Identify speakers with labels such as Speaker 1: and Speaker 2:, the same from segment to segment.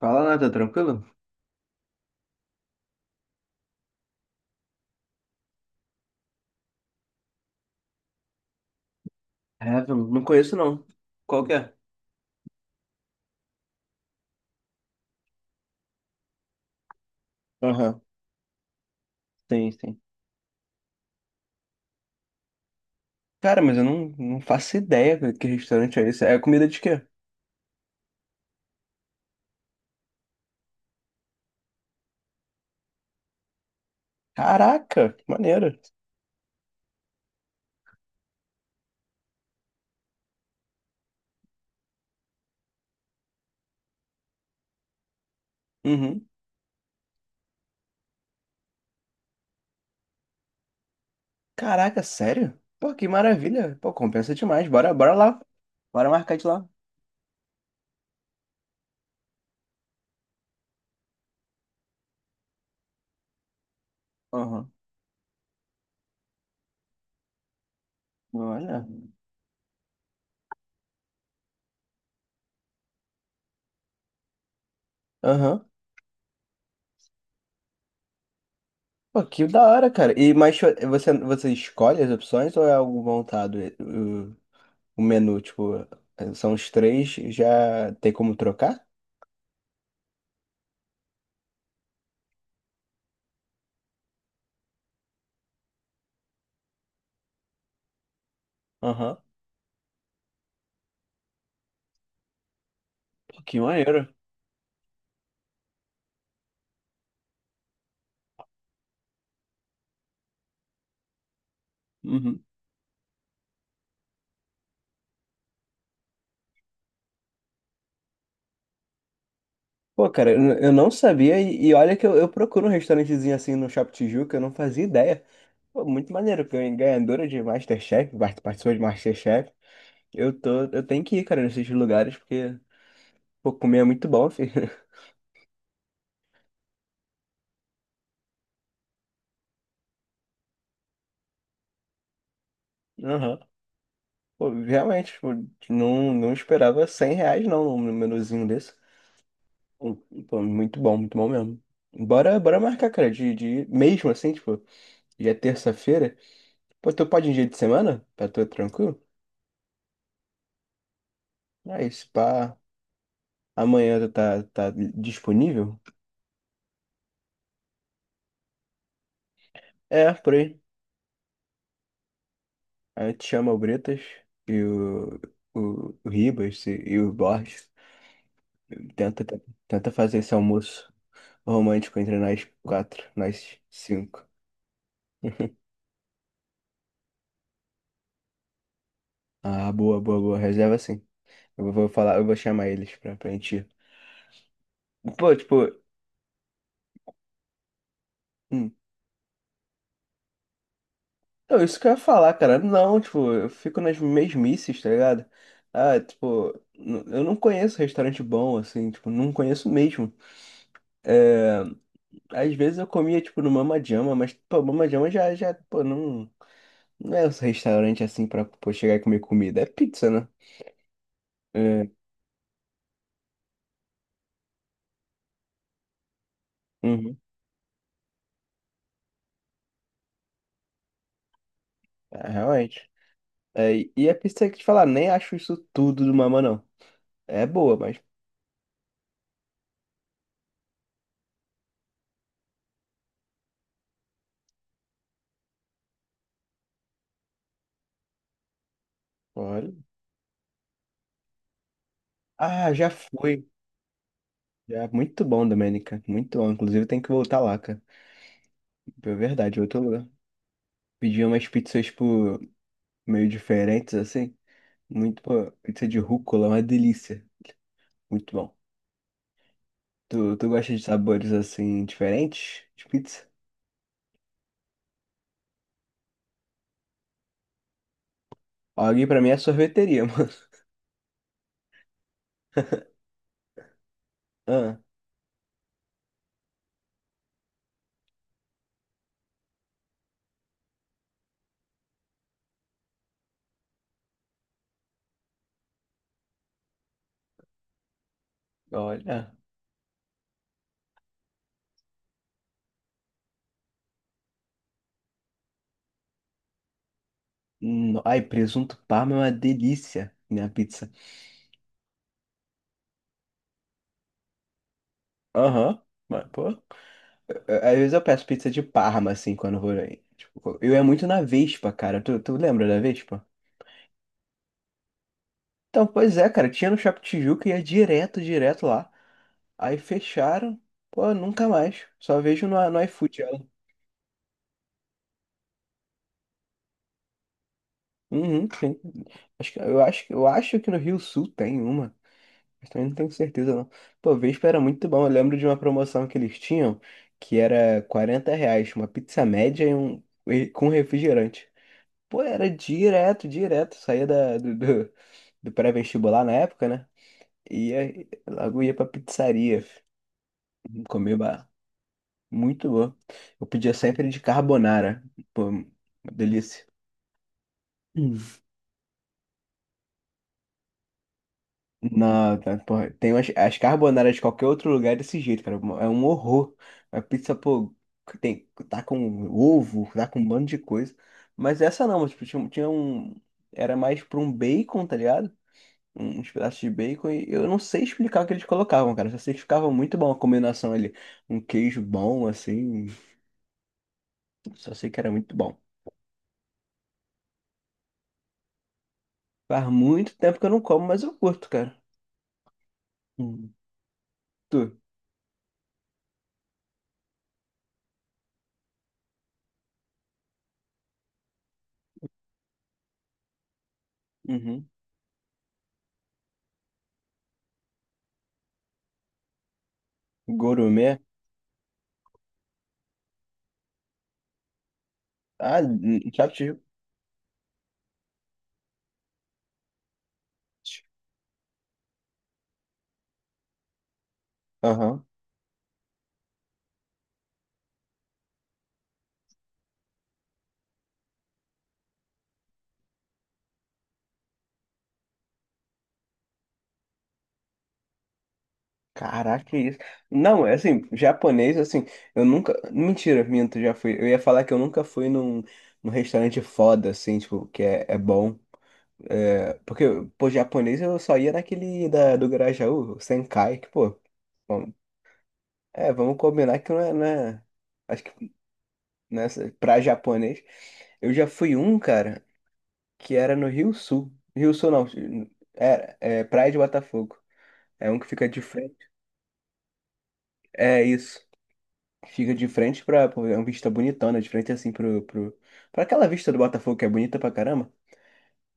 Speaker 1: Fala, nada tranquilo? Heaven, não conheço não. Qual que é? Aham, tem, tem. Cara, mas eu não faço ideia cara, que restaurante é esse. É comida de quê? Caraca, que maneiro. Uhum. Caraca, sério? Pô, que maravilha. Pô, compensa demais. Bora, bora lá. Bora marcar de lá. Aham. Olha. Aham. Pô, que da hora, cara. E mas você escolhe as opções ou é algo montado? O menu, tipo, são os três, já tem como trocar? Aham. Pô, que maneiro. Uhum. Pô, cara, eu não sabia e olha que eu procuro um restaurantezinho assim no Shopping Tijuca, eu não fazia ideia. Pô, muito maneiro, porque eu ganhadora de MasterChef, participou de MasterChef. Eu tenho que ir, cara, nesses lugares, porque, pô, comer é muito bom, filho. Aham. Pô, realmente, tipo, não esperava R$ 100 não, um númerozinho desse. Um- Pô, muito bom mesmo. Bora, bora marcar, cara, de mesmo assim, tipo, já é terça-feira. Pô, tu pode em dia de semana? Pra tu é tranquilo? Aí, se pá, amanhã tu tá disponível? É, por aí. Aí te chama o Bretas e o Ribas e o Borges. Tenta, tenta fazer esse almoço romântico entre nós quatro, nós cinco. Ah, boa, boa, boa. Reserva sim. Eu vou chamar eles pra gente ir. Pô, tipo, hum. Não, isso que eu ia falar, cara. Não, tipo, eu fico nas mesmices, tá ligado? Ah, tipo, eu não conheço restaurante bom, assim, tipo, não conheço mesmo. É, às vezes eu comia, tipo, no Mama Jama, mas, pô, Mama Jama pô, não é um restaurante assim pra, pô, chegar e comer comida. É pizza, né? É, uhum. É, realmente. É, e a pizza que te falar, nem acho isso tudo do Mama, não. É boa, mas. Olha. Ah, já fui. Já, muito bom, Domênica. Muito bom. Inclusive, tem que voltar lá, cara. É verdade, outro lugar. Pedi umas pizzas, tipo, meio diferentes, assim. Muito, pô, pizza de rúcula, é uma delícia. Muito bom. Tu gosta de sabores, assim, diferentes de pizza? Alguém pra mim é sorveteria, mano. Ah, olha. Ai, presunto parma é uma delícia, minha pizza. Aham. Mas, pô. Às vezes eu peço pizza de Parma, assim, quando eu vou aí. Tipo, eu ia muito na Vespa, cara. Tu lembra da Vespa? Então, pois é, cara. Tinha no Shopping Tijuca e ia direto, direto lá. Aí fecharam. Pô, nunca mais. Só vejo no iFood ela. Uhum, sim. Eu acho que no Rio Sul tem uma. Mas também não tenho certeza, não. Pô, Vespa era muito bom. Eu lembro de uma promoção que eles tinham, que era R$ 40, uma pizza média e com refrigerante. Pô, era direto, direto. Saía do pré-vestibular na época, né? E logo ia pra pizzaria. Comia ba- muito bom. Eu pedia sempre de carbonara. Pô, uma delícia. Hum. Não, tá, porra, tem as carbonaras de qualquer outro lugar é desse jeito, cara. É um horror. A pizza, pô, tá com ovo, tá com um bando de coisa. Mas essa não, mas, tipo, tinha um. Era mais pra um bacon, tá ligado? Uns pedaços de bacon e eu não sei explicar o que eles colocavam, cara. Só sei que ficava muito bom a combinação ali. Um queijo bom, assim. Só sei que era muito bom. Faz muito tempo que eu não como, mas eu curto, cara. Hum. Tu? Uhum. Gourmet? Ah, já tive. Aham. Caraca, que isso. Não, é assim, japonês, assim, eu nunca. Mentira, minto, já fui. Eu ia falar que eu nunca fui num restaurante foda, assim, tipo, que é bom. É, porque, pô, japonês eu só ia naquele do Grajaú, o Senkai, que, pô, bom, é, vamos combinar que não é acho que nessa, pra japonês, eu já fui um, cara, que era no Rio Sul, Rio Sul não, era, é Praia de Botafogo, é um que fica de frente, é isso, fica de frente pra, pô, é uma vista bonitona, de frente assim pro, pro, pra aquela vista do Botafogo que é bonita pra caramba,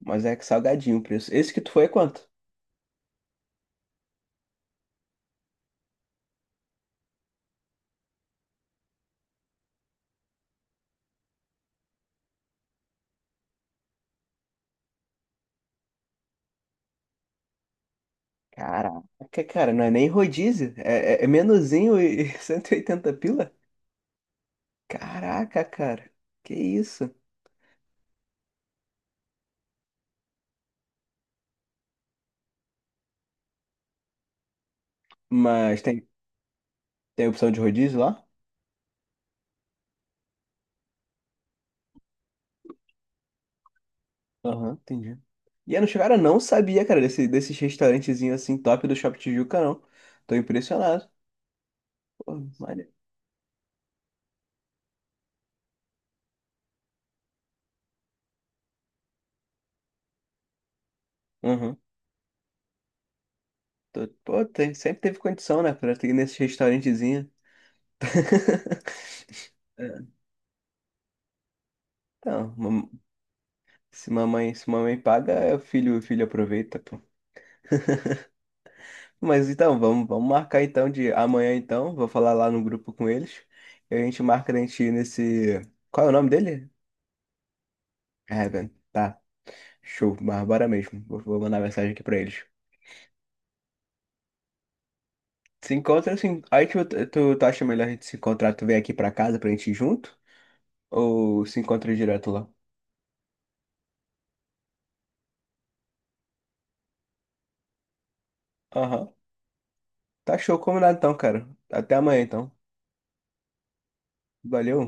Speaker 1: mas é que salgadinho o preço, esse que tu foi é quanto? Caraca, cara, não é nem rodízio. É menuzinho e 180 pila? Caraca, cara. Que isso? Mas tem opção de rodízio lá? Aham, entendi. E eu não, cara, não sabia, cara, desses restaurantezinhos assim top do Shopping Tijuca, não. Tô impressionado. Pô, maneiro. Aham. Pô, sempre teve condição, né, pra ter nesse restaurantezinho. Então, se mamãe paga, é o filho aproveita, pô. Mas então, vamos marcar então de amanhã então. Vou falar lá no grupo com eles. E a gente marca a gente ir nesse. Qual é o nome dele? Evan. Tá. Show. Bárbara mesmo. Vou mandar mensagem aqui pra eles. Se encontra assim. Aí tu acha melhor a gente se encontrar, tu vem aqui pra casa pra gente ir junto? Ou se encontra direto lá? Aham. Tá show, combinado então, cara. Até amanhã então. Valeu.